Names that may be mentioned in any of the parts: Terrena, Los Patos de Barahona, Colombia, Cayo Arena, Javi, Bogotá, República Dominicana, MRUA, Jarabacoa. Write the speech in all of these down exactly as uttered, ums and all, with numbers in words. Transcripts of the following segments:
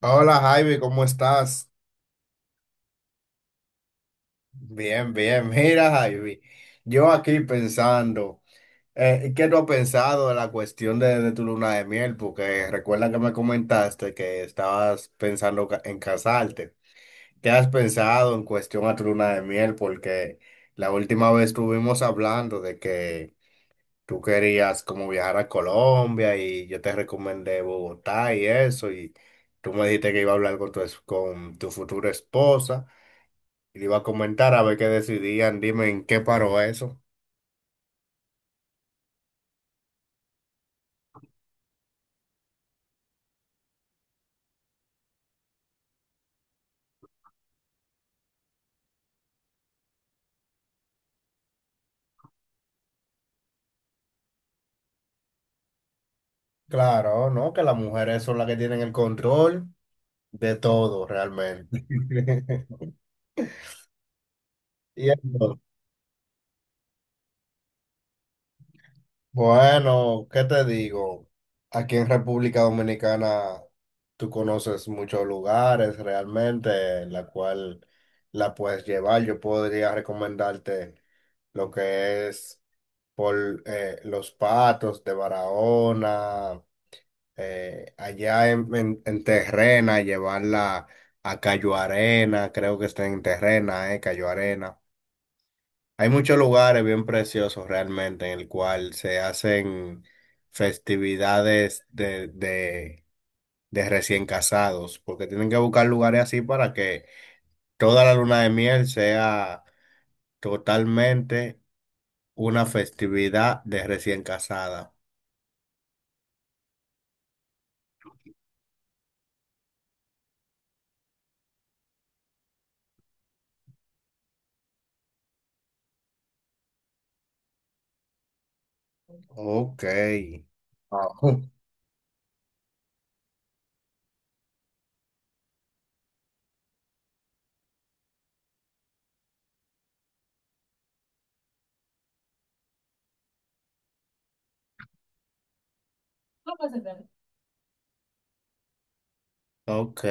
Hola Javi, ¿cómo estás? Bien, bien. Mira Javi, yo aquí pensando, eh, ¿qué tú has pensado de la cuestión de, de tu luna de miel? Porque recuerda que me comentaste que estabas pensando ca- en casarte. ¿Qué has pensado en cuestión a tu luna de miel? Porque la última vez estuvimos hablando de que tú querías como viajar a Colombia y yo te recomendé Bogotá y eso y tú me dijiste que iba a hablar con tu, es- con tu futura esposa. Y le iba a comentar a ver qué decidían, dime en qué paró eso. Claro, no, que las mujeres son las que tienen el control de todo realmente. Y entonces, bueno, ¿qué te digo? Aquí en República Dominicana tú conoces muchos lugares realmente en la cual la puedes llevar. Yo podría recomendarte lo que es por eh, Los Patos de Barahona. Eh, allá en, en, en Terrena, llevarla a Cayo Arena, creo que está en Terrena, eh, Cayo Arena. Hay muchos lugares bien preciosos realmente en el cual se hacen festividades de, de, de recién casados, porque tienen que buscar lugares así para que toda la luna de miel sea totalmente una festividad de recién casada. Ok. Wow. Ok.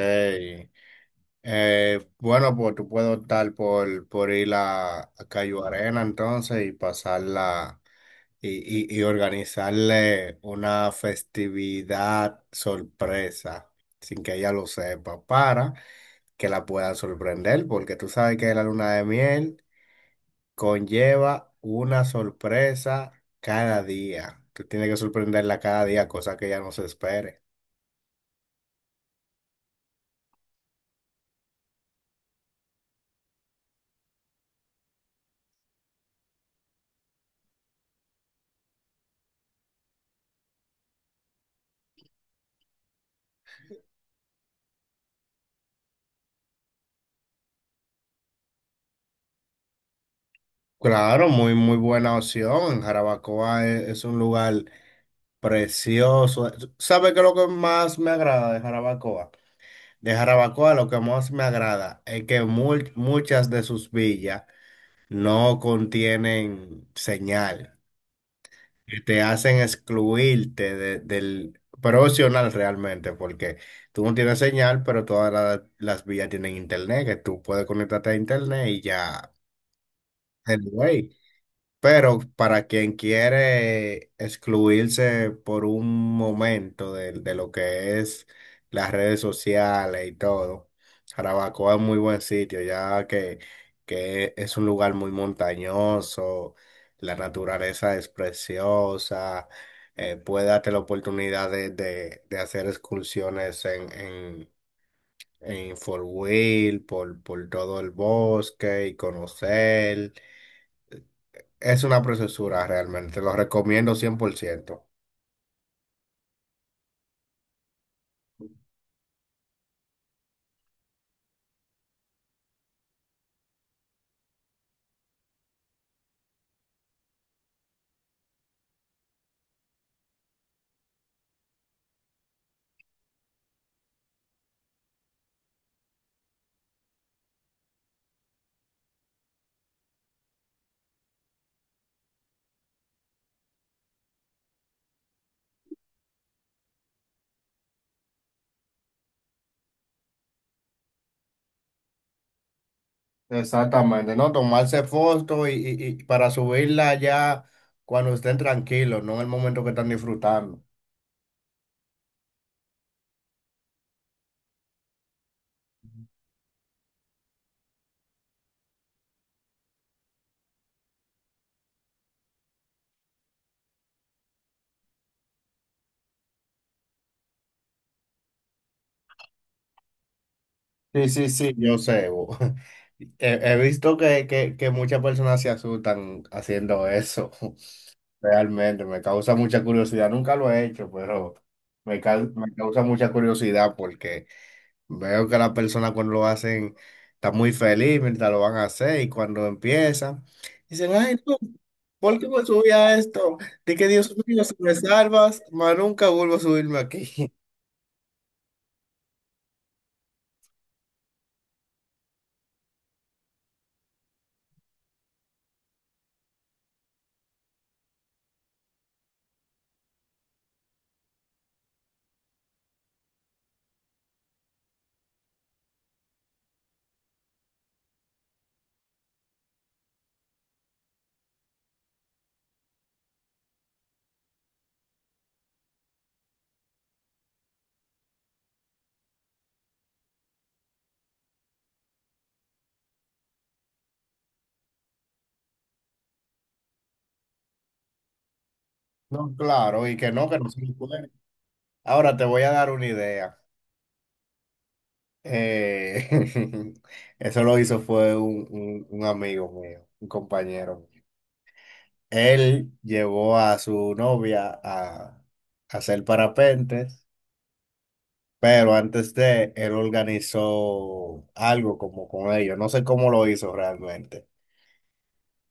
Eh, bueno, pues tú puedes optar por, por ir a, a Cayo Arena entonces y pasarla y, y, y organizarle una festividad sorpresa sin que ella lo sepa para que la pueda sorprender porque tú sabes que la luna de miel conlleva una sorpresa cada día. Tú tienes que sorprenderla cada día, cosa que ella no se espere. Claro, muy, muy buena opción. Jarabacoa es es un lugar precioso. ¿Sabe qué es lo que más me agrada de Jarabacoa? De Jarabacoa lo que más me agrada es que mul- muchas de sus villas no contienen señal, que te hacen excluirte de- del, pero es opcional realmente, porque tú no tienes señal, pero todas la- las villas tienen internet, que tú puedes conectarte a internet y ya. Anyway. Pero para quien quiere excluirse por un momento de, de lo que es las redes sociales y todo, Jarabacoa es muy buen sitio, ya que, que es un lugar muy montañoso, la naturaleza es preciosa, eh, puede darte la oportunidad de, de- de hacer excursiones en, en, en four wheel, por, por todo el bosque y conocer. Es una preciosura realmente, lo recomiendo cien por ciento. Exactamente, ¿no? Tomarse fotos y, y- y para subirla ya cuando estén tranquilos, no en el momento que están disfrutando. Sí, sí, sí, yo sé. Bo. He, he visto que, que, que muchas personas se asustan haciendo eso. Realmente, me causa mucha curiosidad. Nunca lo he hecho, pero me, cau- me causa mucha curiosidad porque veo que las personas cuando lo hacen están muy feliz mientras lo van a hacer y cuando empiezan, dicen, ay, no, ¿por qué me subí a esto? De que Dios mío, si me salvas, más nunca vuelvo a subirme aquí. No, claro, y que no, que no se puede. Ahora te voy a dar una idea. Eh, eso lo hizo fue un, un- un amigo mío, un compañero mío. Él llevó a su novia a a hacer parapentes. Pero antes de él organizó algo como con ellos, no sé cómo lo hizo realmente.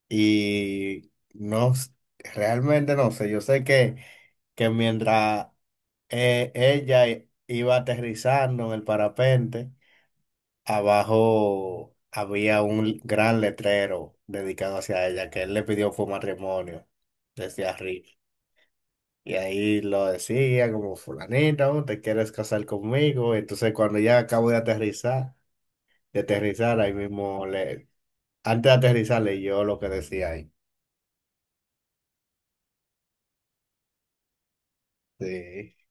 Y no, s- Realmente no sé, yo sé que, que mientras eh, ella i- iba aterrizando en el parapente, abajo había un gran letrero dedicado hacia ella, que él le pidió fue matrimonio desde arriba. Y ahí lo decía como fulanito, ¿te quieres casar conmigo? Entonces cuando ya acabo de aterrizar. De aterrizar, ahí mismo, le, antes de aterrizar, leyó lo que decía ahí. Sí.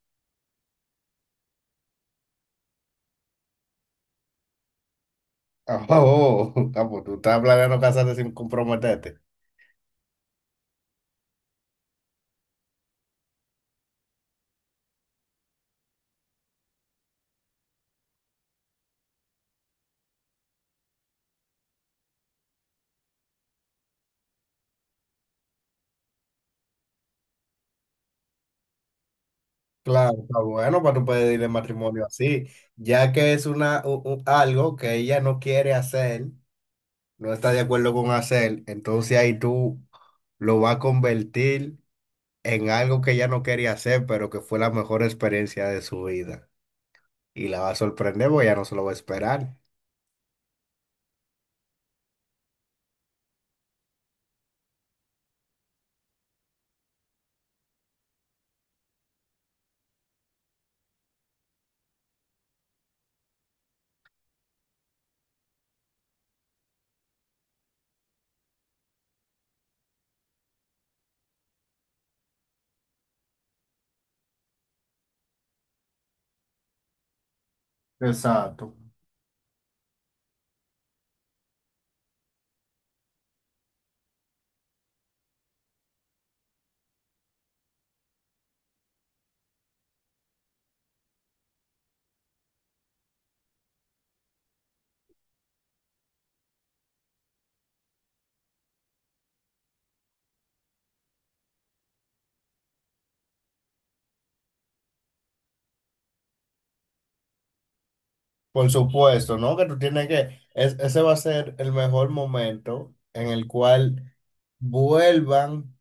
Oh, oh, oh, ah, pues tú estás planeando casarte sin comprometerte. Claro, está bueno para tú pedirle matrimonio así, ya que es una, u- u- algo que ella no quiere hacer, no está de acuerdo con hacer, entonces ahí tú lo vas a convertir en algo que ella no quería hacer, pero que fue la mejor experiencia de su vida. Y la va a sorprender porque ella no se lo va a esperar. Exacto. Por supuesto, ¿no? Que tú tienes que, es- ese va a ser el mejor momento en el cual vuelvan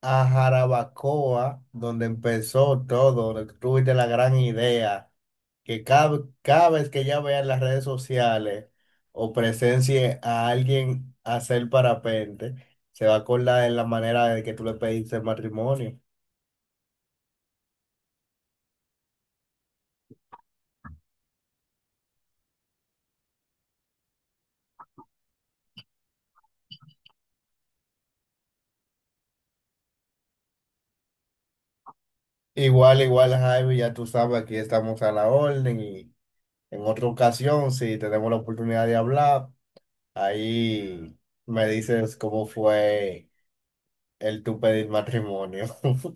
a Jarabacoa, donde empezó todo, donde tú tuviste la gran idea, que cada, cada vez que ya vean las redes sociales o presencie a alguien hacer parapente, se va a acordar en la manera de que tú le pediste matrimonio. Igual, igual, Javi, ya tú sabes, aquí estamos a la orden. En otra ocasión, si tenemos la oportunidad de hablar, ahí me dices cómo fue el tu pedir matrimonio.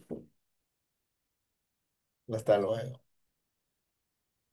Hasta luego.